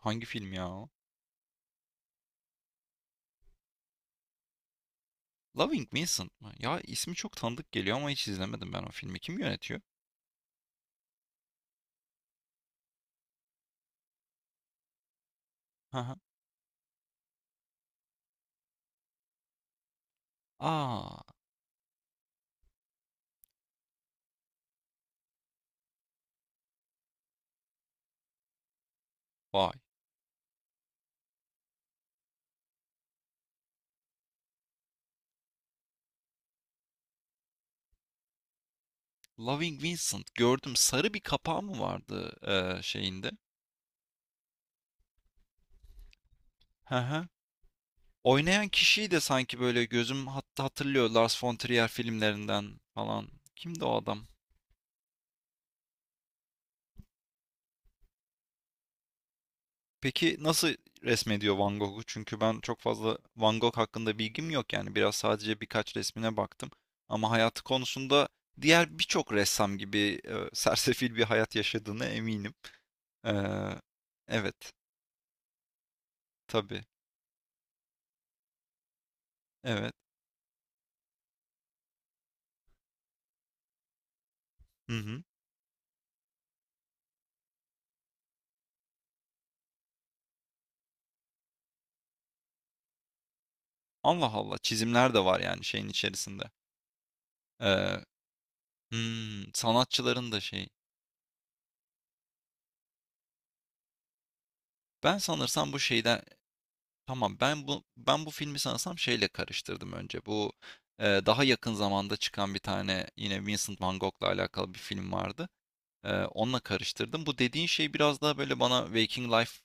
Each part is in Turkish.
Hangi film ya? O? Loving Vincent mı? Ya ismi çok tanıdık geliyor ama hiç izlemedim ben o filmi. Kim yönetiyor? Hı hı. Aa, vay. Loving Vincent gördüm. Sarı bir kapağı mı vardı şeyinde? Hı hı. Oynayan kişiyi de sanki böyle gözüm hatta hatırlıyor Lars von Trier filmlerinden falan. Kimdi o adam? Peki nasıl resmediyor Van Gogh'u? Çünkü ben çok fazla Van Gogh hakkında bilgim yok yani biraz sadece birkaç resmine baktım. Ama hayatı konusunda diğer birçok ressam gibi sersefil bir hayat yaşadığına eminim. Ee, evet, tabii, evet. Hı hı. Allah Allah, çizimler de var yani şeyin içerisinde. Ee, hmm, sanatçıların da şey. Ben sanırsam bu şeyden Tamam ben bu filmi sanırsam şeyle karıştırdım önce. Bu daha yakın zamanda çıkan bir tane yine Vincent Van Gogh'la alakalı bir film vardı. Onunla karıştırdım. Bu dediğin şey biraz daha böyle bana Waking Life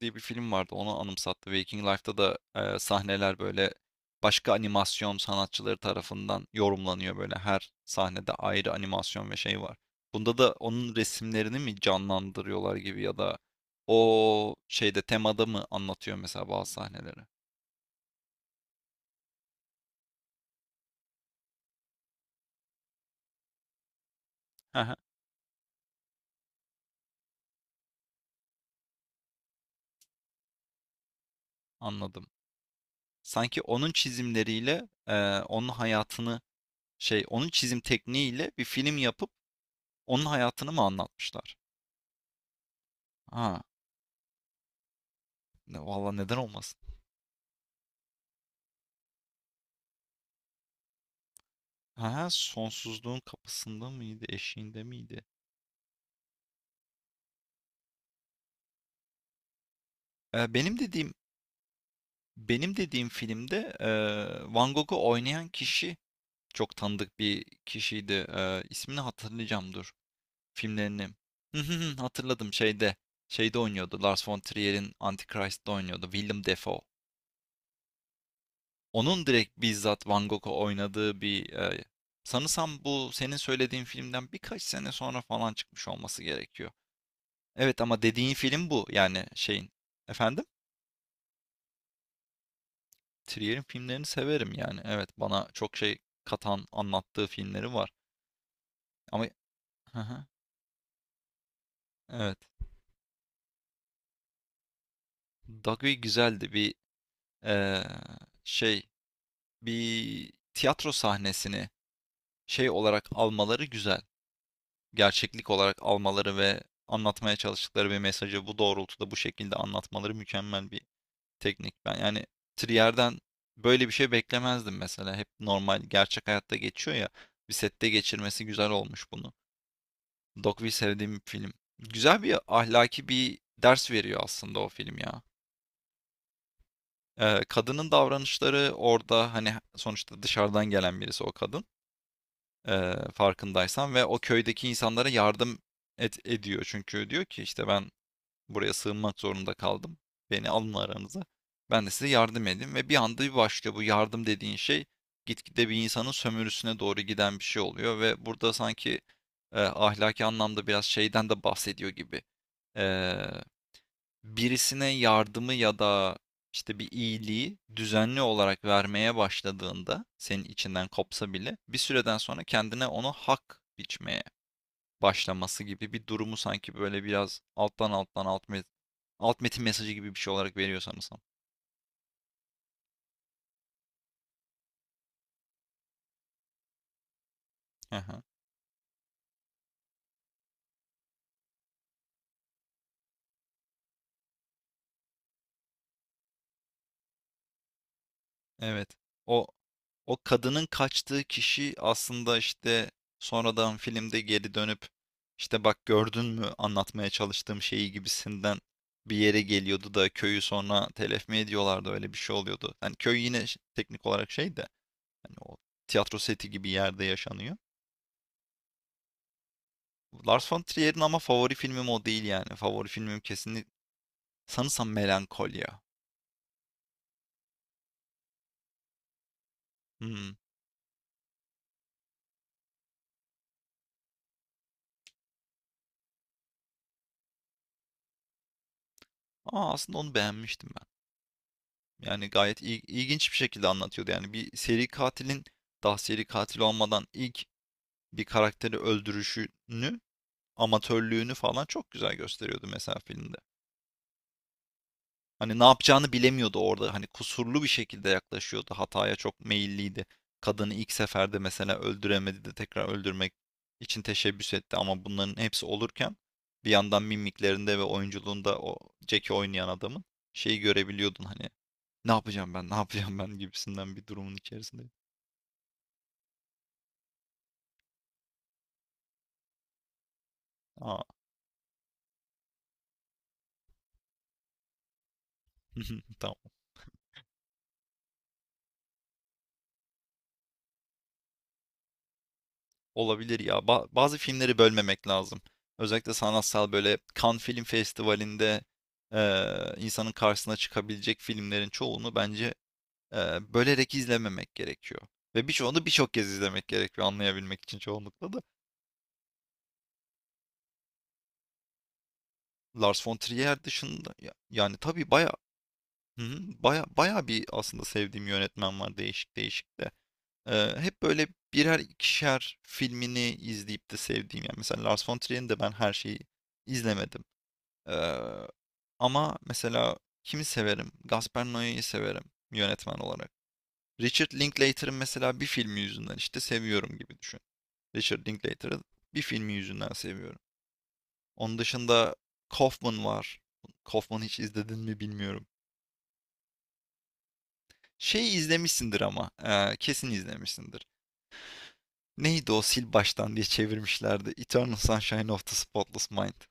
diye bir film vardı. Onu anımsattı. Waking Life'da da sahneler böyle başka animasyon sanatçıları tarafından yorumlanıyor böyle. Her sahnede ayrı animasyon ve şey var. Bunda da onun resimlerini mi canlandırıyorlar gibi ya da o şeyde temada mı anlatıyor mesela bazı sahneleri? Hı hı, anladım. Sanki onun çizimleriyle onun hayatını şey onun çizim tekniğiyle bir film yapıp onun hayatını mı anlatmışlar? Ha, ne, valla neden olmasın? Ha, sonsuzluğun kapısında mıydı, eşiğinde miydi? Ee, benim dediğim benim dediğim filmde Van Gogh'u oynayan kişi çok tanıdık bir kişiydi. İsmini hatırlayacağım dur. Filmlerini. Hı hı hı, hatırladım şeyde. Şeyde oynuyordu. Lars von Trier'in Antichrist'te oynuyordu. Willem Dafoe. Onun direkt bizzat Van Gogh'u oynadığı bir sanırsam bu senin söylediğin filmden birkaç sene sonra falan çıkmış olması gerekiyor. Evet ama dediğin film bu yani şeyin. Efendim? Trier'in filmlerini severim yani. Evet bana çok şey katan anlattığı filmleri var. Ama hı hı, evet. Dogville güzeldi bir e, şey bir tiyatro sahnesini şey olarak almaları güzel. Gerçeklik olarak almaları ve anlatmaya çalıştıkları bir mesajı bu doğrultuda bu şekilde anlatmaları mükemmel bir teknik. Ben yani Trier'den böyle bir şey beklemezdim mesela. Hep normal gerçek hayatta geçiyor ya. Bir sette geçirmesi güzel olmuş bunu. Dogville sevdiğim bir film. Güzel bir ahlaki bir ders veriyor aslında o film ya. Kadının davranışları orada hani sonuçta dışarıdan gelen birisi o kadın farkındaysan ve o köydeki insanlara yardım ediyor. Çünkü diyor ki işte ben buraya sığınmak zorunda kaldım. Beni alın aranıza. Ben de size yardım edeyim. Ve bir anda bir başlıyor bu yardım dediğin şey. Gitgide bir insanın sömürüsüne doğru giden bir şey oluyor. Ve burada sanki ahlaki anlamda biraz şeyden de bahsediyor gibi. E, Birisine yardımı ya da işte bir iyiliği düzenli olarak vermeye başladığında senin içinden kopsa bile bir süreden sonra kendine onu hak biçmeye başlaması gibi bir durumu sanki böyle biraz alttan alttan alt metin mesajı gibi bir şey olarak veriyor sanırsam. Hı hı. Evet. O o kadının kaçtığı kişi aslında işte sonradan filmde geri dönüp işte bak gördün mü anlatmaya çalıştığım şeyi gibisinden bir yere geliyordu da köyü sonra telef mi ediyorlardı öyle bir şey oluyordu. Hani köy yine teknik olarak şey de hani o tiyatro seti gibi yerde yaşanıyor. Lars von Trier'in ama favori filmim o değil yani. Favori filmim kesinlikle sanırsam Melankolya. Hımm. Ama aslında onu beğenmiştim ben. Yani gayet ilginç bir şekilde anlatıyordu. Yani bir seri katilin daha seri katil olmadan ilk bir karakteri öldürüşünü, amatörlüğünü falan çok güzel gösteriyordu mesela filmde. Hani ne yapacağını bilemiyordu orada. Hani kusurlu bir şekilde yaklaşıyordu. Hataya çok meyilliydi. Kadını ilk seferde mesela öldüremedi de tekrar öldürmek için teşebbüs etti ama bunların hepsi olurken bir yandan mimiklerinde ve oyunculuğunda o Jack'i oynayan adamın şeyi görebiliyordun hani ne yapacağım ben ne yapacağım ben gibisinden bir durumun içerisinde. Aa tamam. Olabilir ya. Bazı filmleri bölmemek lazım. Özellikle sanatsal böyle Cannes Film Festivali'nde insanın karşısına çıkabilecek filmlerin çoğunu bence bölerek izlememek gerekiyor. Ve birçoğunu birçok kez izlemek gerekiyor anlayabilmek için çoğunlukla da. Lars von Trier dışında yani tabii baya hı hı, baya bir aslında sevdiğim yönetmen var değişik değişik de. Hep böyle birer ikişer filmini izleyip de sevdiğim yani mesela Lars von Trier'in de ben her şeyi izlemedim. Ee, Ama mesela kimi severim? Gaspar Noé'yi severim yönetmen olarak. Richard Linklater'ın mesela bir filmi yüzünden işte seviyorum gibi düşün. Richard Linklater'ın bir filmi yüzünden seviyorum. Onun dışında Kaufman var. Kaufman'ı hiç izledin mi bilmiyorum. Şey izlemişsindir ama. Kesin izlemişsindir. Neydi o sil baştan diye çevirmişlerdi. Eternal Sunshine of the Spotless Mind.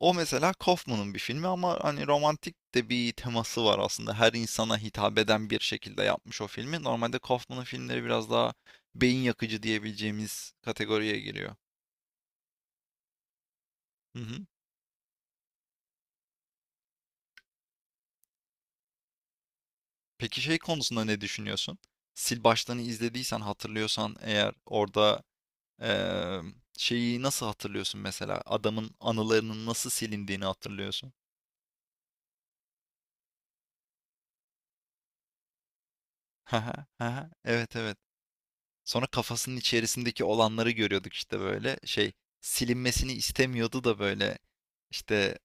O mesela Kaufman'ın bir filmi ama hani romantik de bir teması var aslında. Her insana hitap eden bir şekilde yapmış o filmi. Normalde Kaufman'ın filmleri biraz daha beyin yakıcı diyebileceğimiz kategoriye giriyor. Hı hı. Peki şey konusunda ne düşünüyorsun? Sil baştanı izlediysen hatırlıyorsan eğer orada eee, şeyi nasıl hatırlıyorsun mesela? Adamın anılarının nasıl silindiğini hatırlıyorsun. Haha, haha, evet evet. Sonra kafasının içerisindeki olanları görüyorduk işte böyle şey silinmesini istemiyordu da böyle işte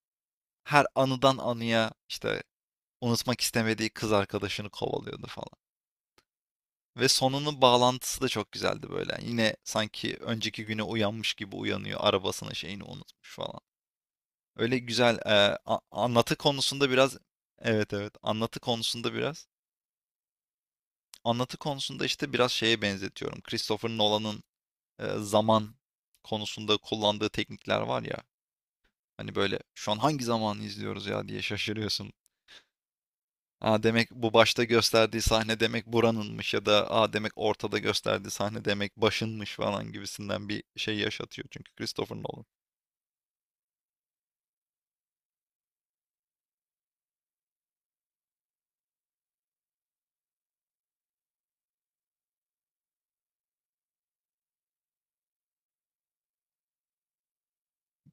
her anıdan anıya işte unutmak istemediği kız arkadaşını kovalıyordu falan. Ve sonunun bağlantısı da çok güzeldi böyle. Yani yine sanki önceki güne uyanmış gibi uyanıyor arabasını şeyini unutmuş falan. Öyle güzel anlatı konusunda biraz evet anlatı konusunda işte biraz şeye benzetiyorum. Christopher Nolan'ın zaman konusunda kullandığı teknikler var ya. Hani böyle şu an hangi zamanı izliyoruz ya diye şaşırıyorsun. Aa demek bu başta gösterdiği sahne demek buranınmış ya da aa demek ortada gösterdiği sahne demek başınmış falan gibisinden bir şey yaşatıyor çünkü Christopher Nolan.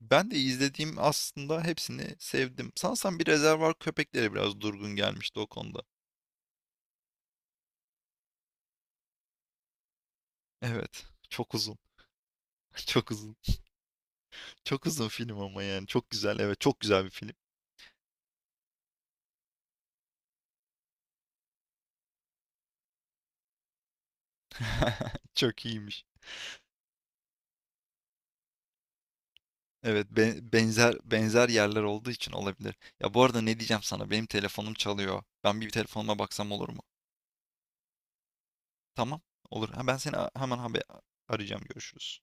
Ben de izlediğim aslında hepsini sevdim. Sanırsam bir rezervar köpekleri biraz durgun gelmişti o konuda. Evet. Çok uzun. Çok uzun. Çok uzun film ama yani. Çok güzel. Evet, çok güzel bir film. Çok iyiymiş. Evet benzer yerler olduğu için olabilir. Ya bu arada ne diyeceğim sana? Benim telefonum çalıyor. Ben bir telefonuma baksam olur mu? Tamam. Olur. Ha, ben seni hemen haber arayacağım. Görüşürüz.